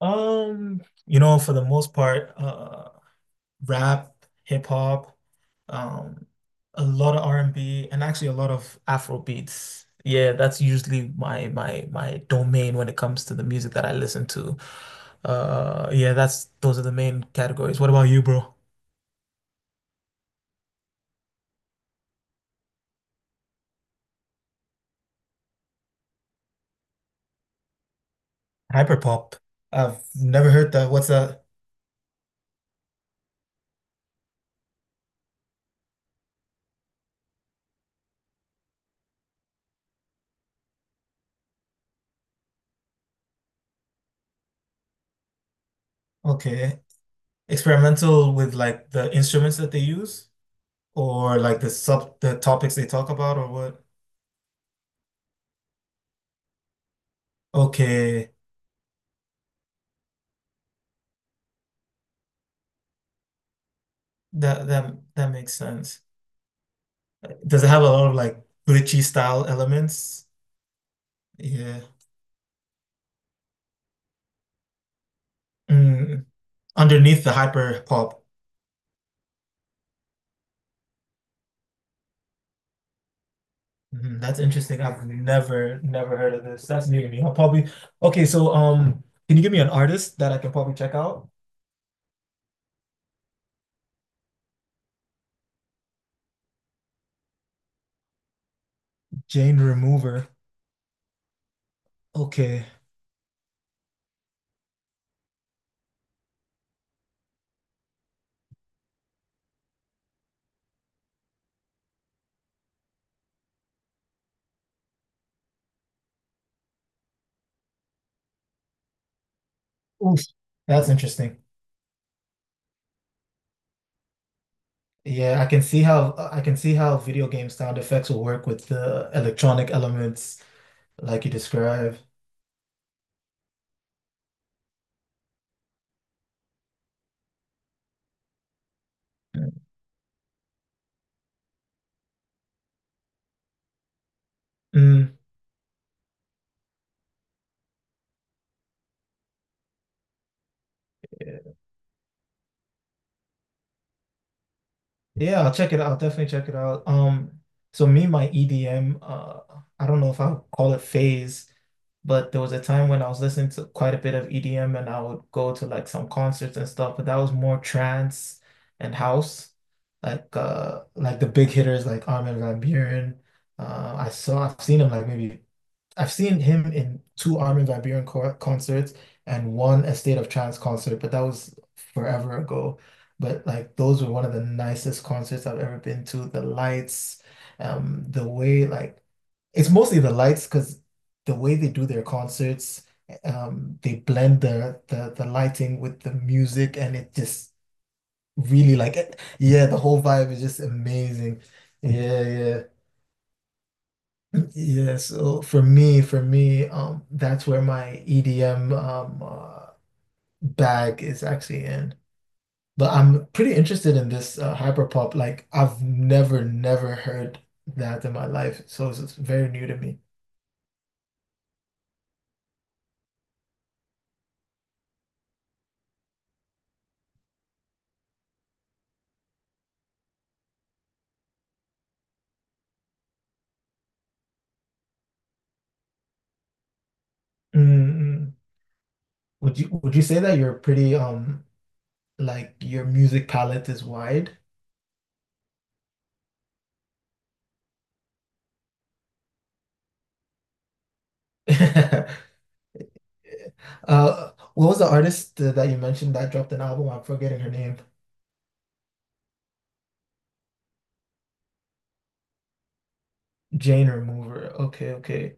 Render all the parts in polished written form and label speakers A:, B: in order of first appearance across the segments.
A: For the most part, rap, hip hop, um, a lot of R&B, and B, and actually a lot of Afro beats. Yeah, that's usually my domain when it comes to the music that I listen to. Yeah, that's those are the main categories. What about you, bro? Hyperpop. I've never heard that. What's that? Okay. Experimental with like the instruments that they use or like the topics they talk about or what? Okay. That makes sense. Does it have a lot of like glitchy style elements? Yeah. Mm, underneath the hyper pop. Mhm, that's interesting. I've never heard of this. That's new to me. I'll probably Okay, so can you give me an artist that I can probably check out? Jane Remover. Okay. Oof. That's interesting. Yeah, I can see how video game sound effects will work with the electronic elements like you described. Mm. Yeah, I'll check it out. I'll definitely check it out. So me, and my EDM, I don't know if I'll call it phase, but there was a time when I was listening to quite a bit of EDM and I would go to like some concerts and stuff, but that was more trance and house. Like the big hitters like Armin van Buuren. I've seen him like maybe I've seen him in two Armin van Buuren co concerts and one Estate of Trance concert, but that was forever ago. But like those were one of the nicest concerts I've ever been to. The lights, the way like it's mostly the lights because the way they do their concerts, they blend the lighting with the music, and it just really like, yeah, the whole vibe is just amazing. Yeah, yeah. Yeah, so for me, that's where my EDM bag is actually in. But I'm pretty interested in this hyperpop. Like I've never heard that in my life, so it's very new to me. mm would you say that you're pretty like your music palette is wide? What was the artist that you mentioned that dropped an album? I'm forgetting her name. Jane Remover. Okay, okay.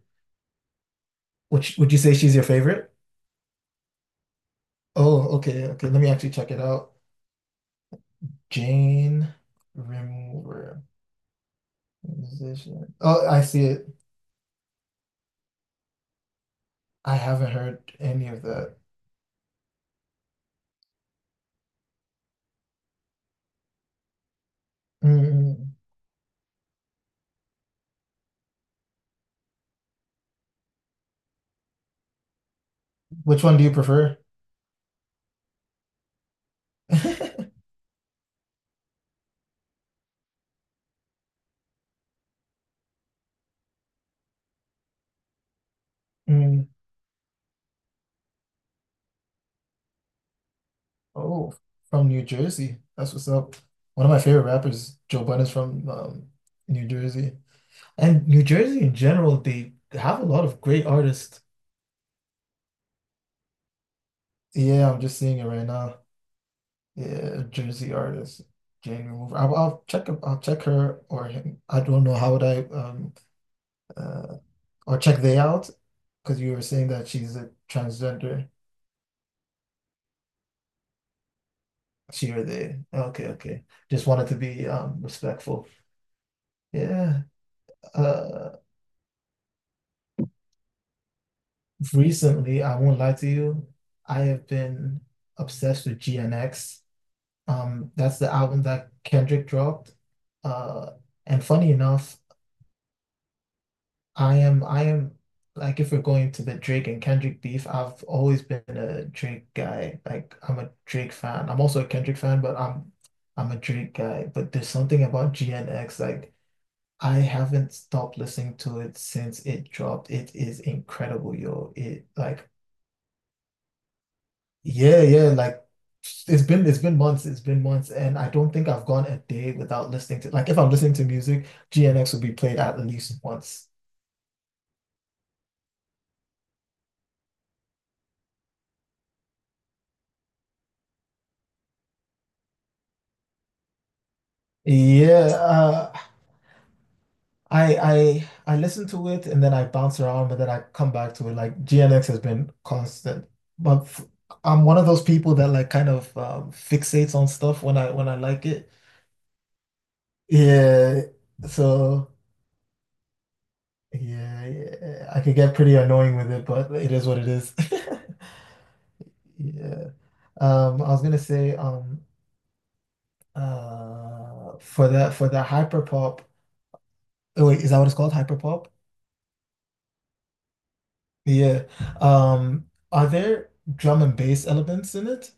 A: Would you say she's your favorite? Oh, okay, okay. Let me actually check it out. Jane remover, musician. Oh, I see it. I haven't heard any of that. Mm, which one do you prefer? Mm, oh, from New Jersey. That's what's up. One of my favorite rappers, Joe Budden's from New Jersey. And New Jersey in general, they have a lot of great artists. Yeah, I'm just seeing it right now. Yeah, Jersey artist, Jane Remover. I'll check. I'll check her or him. I don't know how would I uh or check they out because you were saying that she's a transgender. She or they. Okay, okay. Just wanted to be respectful. Yeah. Uh, Recently, I won't lie to you. I have been obsessed with GNX. That's the album that Kendrick dropped. Uh, and funny enough, I am like if we're going to the Drake and Kendrick beef, I've always been a Drake guy. Like I'm a Drake fan. I'm also a Kendrick fan, but I'm a Drake guy. But there's something about GNX, like I haven't stopped listening to it since it dropped. It is incredible, yo. It like Yeah, yeah, like it's been months, it's been months, and I don't think I've gone a day without listening to like if I'm listening to music, GNX will be played at least once. Yeah, I I listen to it and then I bounce around, but then I come back to it. Like GNX has been constant, but f I'm one of those people that like kind of fixates on stuff when I like it. Yeah, so yeah, yeah, I could get pretty annoying with it, but it is what it is. Yeah. I was gonna say for the hyperpop. Oh wait, is that what it's called? Hyperpop? Yeah. Are there drum and bass elements in it?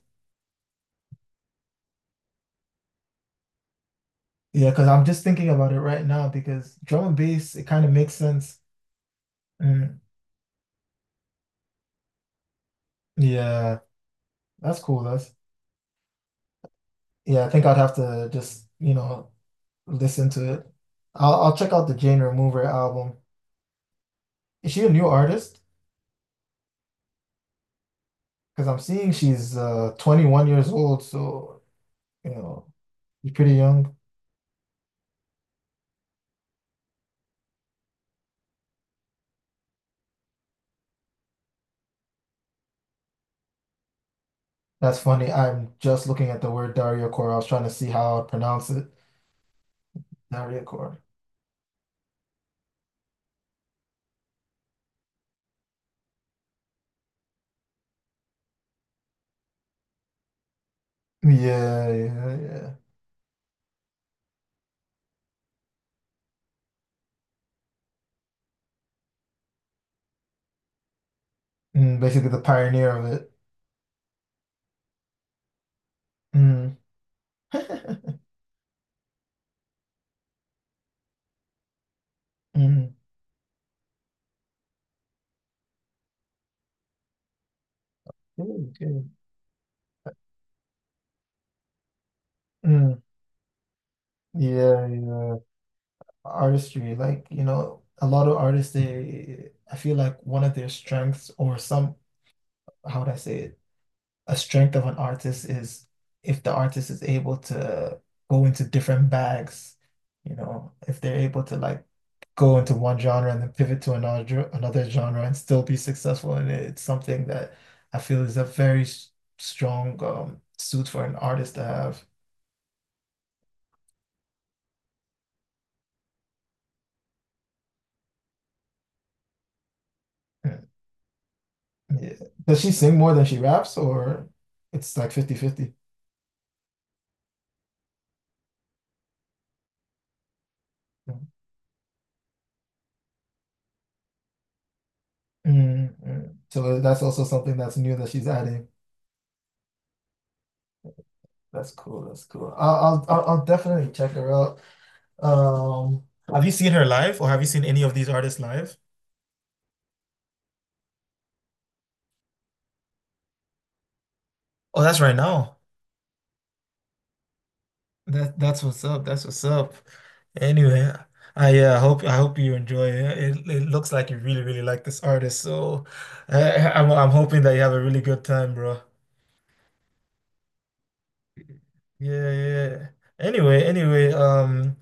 A: Yeah, because I'm just thinking about it right now because drum and bass, it kind of makes sense. Mm, yeah, that's cool. That's Yeah, I think I'd have to just, you know, listen to it. I'll check out the Jane Remover album. Is she a new artist? Because I'm seeing she's 21 years old, so you know, she's pretty young. That's funny. I'm just looking at the word Daria Core. I was trying to see how I would pronounce it. Daria Yeah, yeah, yeah. Mm, basically the pioneer of it. Mm. Mm. Good, good. Mm. Yeah, yeah. Artistry, like, you know, a lot of artists, I feel like one of their strengths or some, how would I say it? A strength of an artist is if the artist is able to go into different bags, you know, if they're able to like go into one genre and then pivot to another genre and still be successful in it. It's something that I feel is a very strong suit for an artist to have. Mm, yeah. Does she sing more than she raps, or it's like 50/50? Mm, mm, mm. So that's also something that's new that she's adding. That's cool. That's cool. I'll definitely check her out. Um, have you seen her live or have you seen any of these artists live? Oh, that's right now. That's what's up. That's what's up. Anyway, I hope you enjoy it. It looks like you really really like this artist. So I'm hoping that you have a really good time, bro. Yeah, yeah. Anyway, um,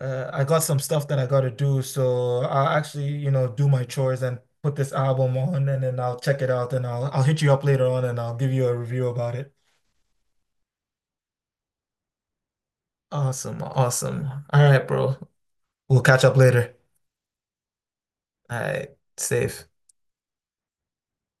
A: uh, I got some stuff that I gotta do, so I'll actually, you know, do my chores and put this album on, and then I'll check it out, and I'll hit you up later on, and I'll give you a review about it. Awesome. Awesome. All right, bro. We'll catch up later. All right. Safe.